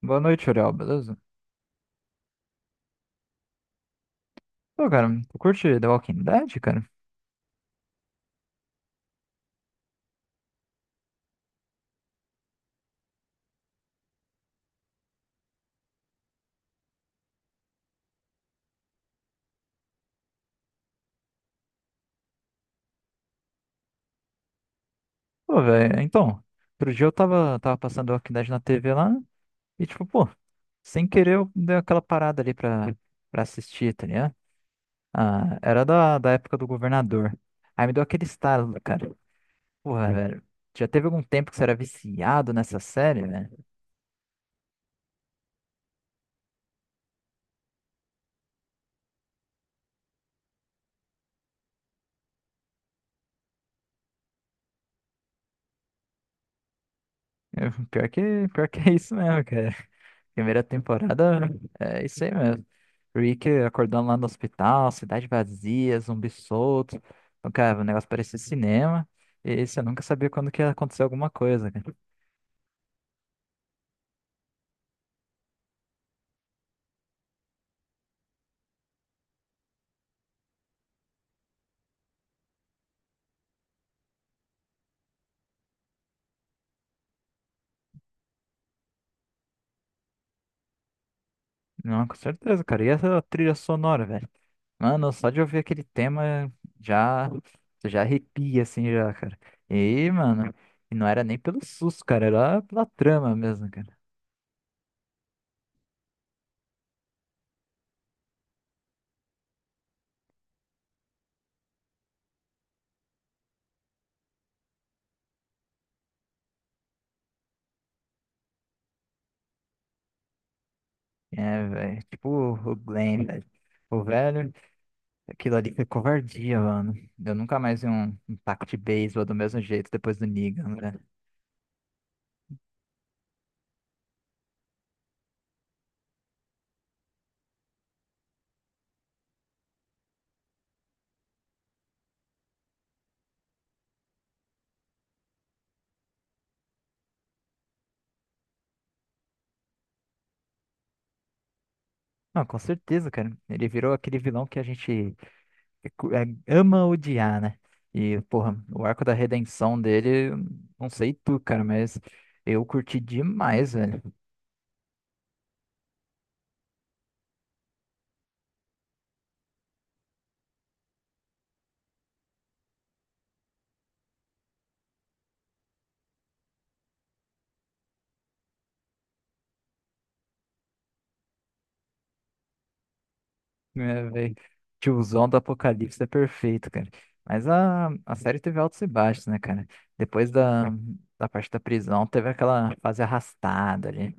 Boa noite, Uriel, beleza? Pô, cara, tu curte The Walking Dead, cara? Pô, velho, então, outro dia eu tava, passando The Walking Dead na TV lá e, tipo, pô, sem querer eu dei aquela parada ali pra assistir, tá ligado? Ah, era da época do governador. Aí me deu aquele estalo, cara. Porra, velho, já teve algum tempo que você era viciado nessa série, velho? Pior que é isso mesmo, cara. Primeira temporada é isso aí mesmo. Rick acordando lá no hospital, cidade vazia, zumbi solto. Então, cara, o negócio parecia cinema. E você nunca sabia quando que ia acontecer alguma coisa, cara. Não, com certeza, cara. E essa trilha sonora, velho? Mano, só de ouvir aquele tema já, você já arrepia, assim, já, cara. E, mano, e não era nem pelo susto, cara. Era pela trama mesmo, cara. É, velho. Tipo o Glenn, velho. O velho. Aquilo ali foi covardia, mano. Eu nunca mais vi um taco de beisebol do mesmo jeito depois do Negan, né? Não, com certeza, cara. Ele virou aquele vilão que a gente ama odiar, né? E, porra, o arco da redenção dele, não sei tu, cara, mas eu curti demais, velho. É, velho. Tiozão do Apocalipse é perfeito, cara. Mas a série teve altos e baixos, né, cara? Depois da parte da prisão, teve aquela fase arrastada ali.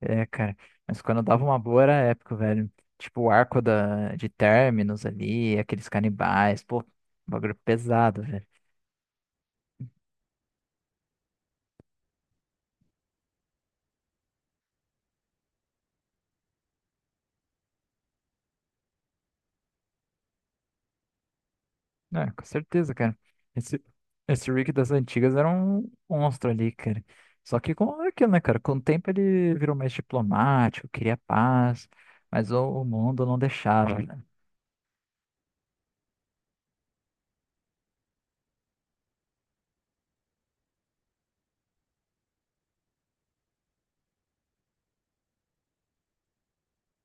É, cara. Mas quando dava uma boa era épico, velho. Tipo, o arco de Terminus ali, aqueles canibais, pô, bagulho pesado, velho. É, com certeza, cara. Esse, esse Rick das antigas era um monstro ali, cara. Só que com aquilo, né, cara? Com o tempo ele virou mais diplomático, queria paz, mas o mundo não deixava,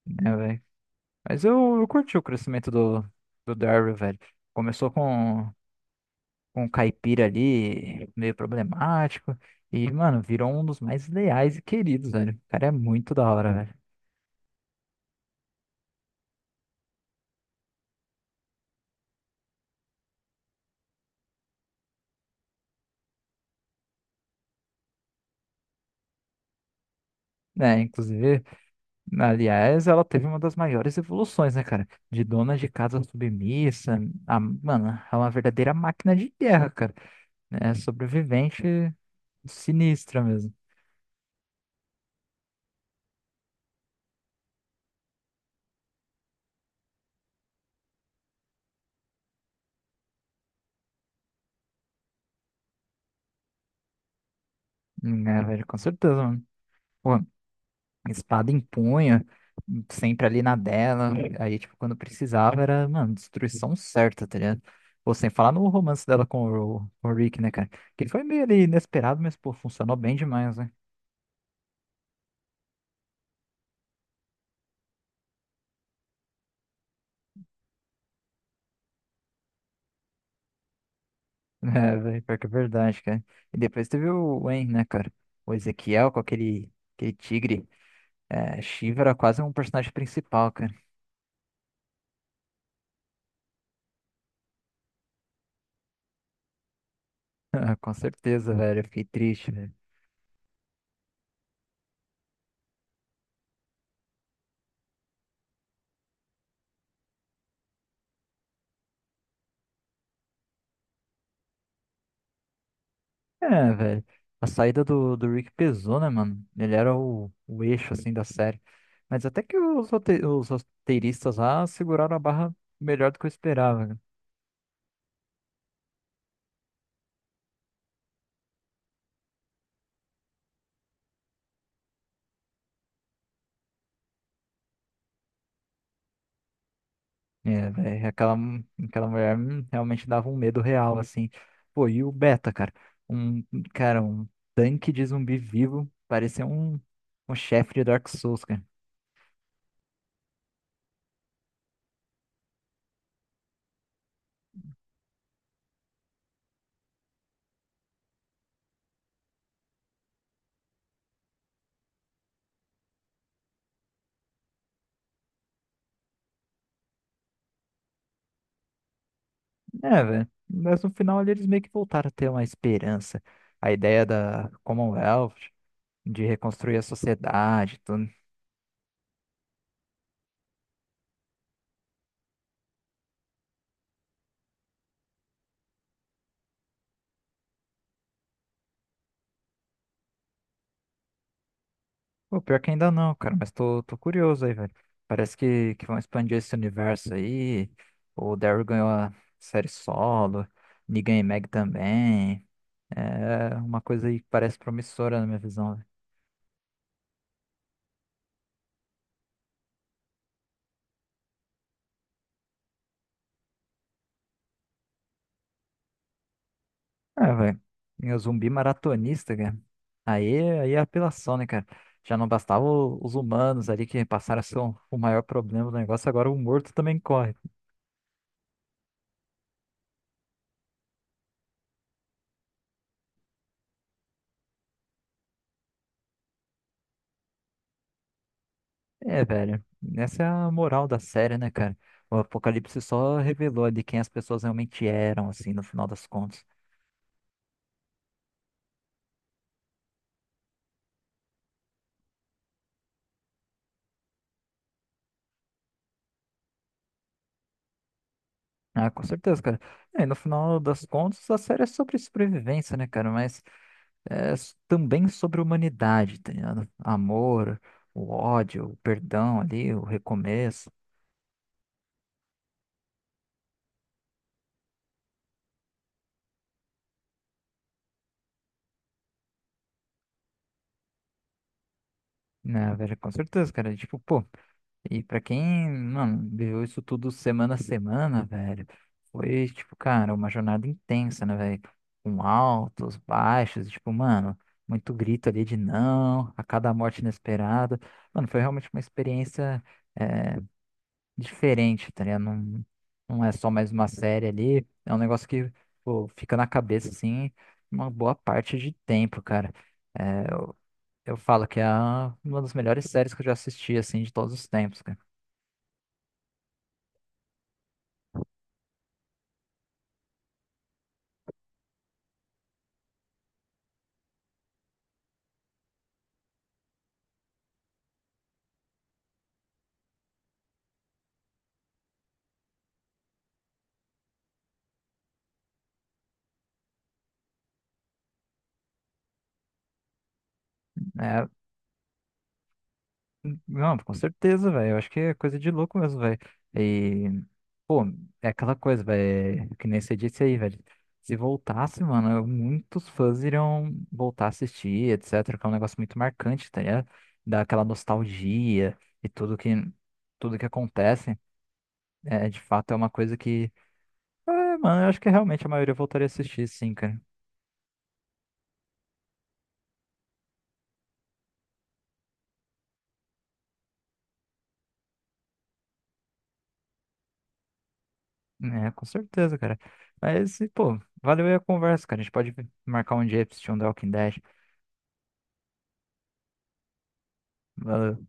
né, velho? Mas eu curti o crescimento do Daryl, velho. Começou com um caipira ali meio problemático. E, mano, virou um dos mais leais e queridos, velho. O cara é muito da hora, velho. Né, inclusive, aliás, ela teve uma das maiores evoluções, né, cara? De dona de casa submissa, a, mano, é uma verdadeira máquina de guerra, cara. É sobrevivente sinistra mesmo. É, velho, com certeza, mano. Pô, espada em punho, sempre ali na dela. Aí, tipo, quando precisava, era, mano, destruição certa, tá ligado? Ou sem falar no romance dela com com o Rick, né, cara? Que foi meio ali inesperado, mas, pô, funcionou bem demais, né? É, velho, pior que é verdade, cara. E depois teve o Wayne, né, cara? O Ezequiel com aquele tigre. É, Shiva era quase um personagem principal, cara. Com certeza, velho. Eu fiquei triste, velho. É, velho. A saída do Rick pesou, né, mano? Ele era o eixo, assim, da série. Mas até que os roteiristas lá seguraram a barra melhor do que eu esperava, né? É, velho, aquela mulher realmente dava um medo real, assim. Pô, e o Beta, cara? Um, um tanque de zumbi vivo. Parecia um chefe de Dark Souls, cara. É, velho. Mas no final ali, eles meio que voltaram a ter uma esperança. A ideia da Commonwealth de reconstruir a sociedade, e tudo. Pô, pior que ainda não, cara, mas tô curioso aí, velho. Parece que vão expandir esse universo aí. O Daryl ganhou a série solo, Negan e Meg também. É uma coisa aí que parece promissora na minha visão, velho. É, velho. E o zumbi maratonista, cara. Aí é apelação, né, cara? Já não bastava os humanos ali que passaram a ser o maior problema do negócio, agora o morto também corre. É, velho. Essa é a moral da série, né, cara? O Apocalipse só revelou ali quem as pessoas realmente eram, assim, no final das contas. Ah, com certeza, cara. É, no final das contas, a série é sobre sobrevivência, né, cara? Mas também sobre humanidade, tá ligado? Amor, o ódio, o perdão ali, o recomeço. Né, velho, com certeza, cara. Tipo, pô. E pra quem, mano, viveu isso tudo semana a semana, velho, foi, tipo, cara, uma jornada intensa, né, velho? Com altos, baixos, tipo, mano, muito grito ali de não, a cada morte inesperada. Mano, foi realmente uma experiência é, diferente, tá ligado? Não, não é só mais uma série ali, é um negócio que, pô, fica na cabeça, assim, uma boa parte de tempo, cara. É, eu, eu falo que é uma das melhores séries que eu já assisti, assim, de todos os tempos, cara. É, não, com certeza, velho. Eu acho que é coisa de louco mesmo, velho. E, pô, é aquela coisa, velho, é que nem você disse aí, velho. Se voltasse, mano, muitos fãs iriam voltar a assistir, etc. Que é um negócio muito marcante, tá ligado? Dá aquela nostalgia e tudo tudo que acontece. É, de fato, é uma coisa que é, mano, eu acho que realmente a maioria voltaria a assistir, sim, cara. É, com certeza, cara. Mas, e, pô, valeu aí a conversa, cara. A gente pode marcar um dia pra assistir um The Walking Dead. Valeu.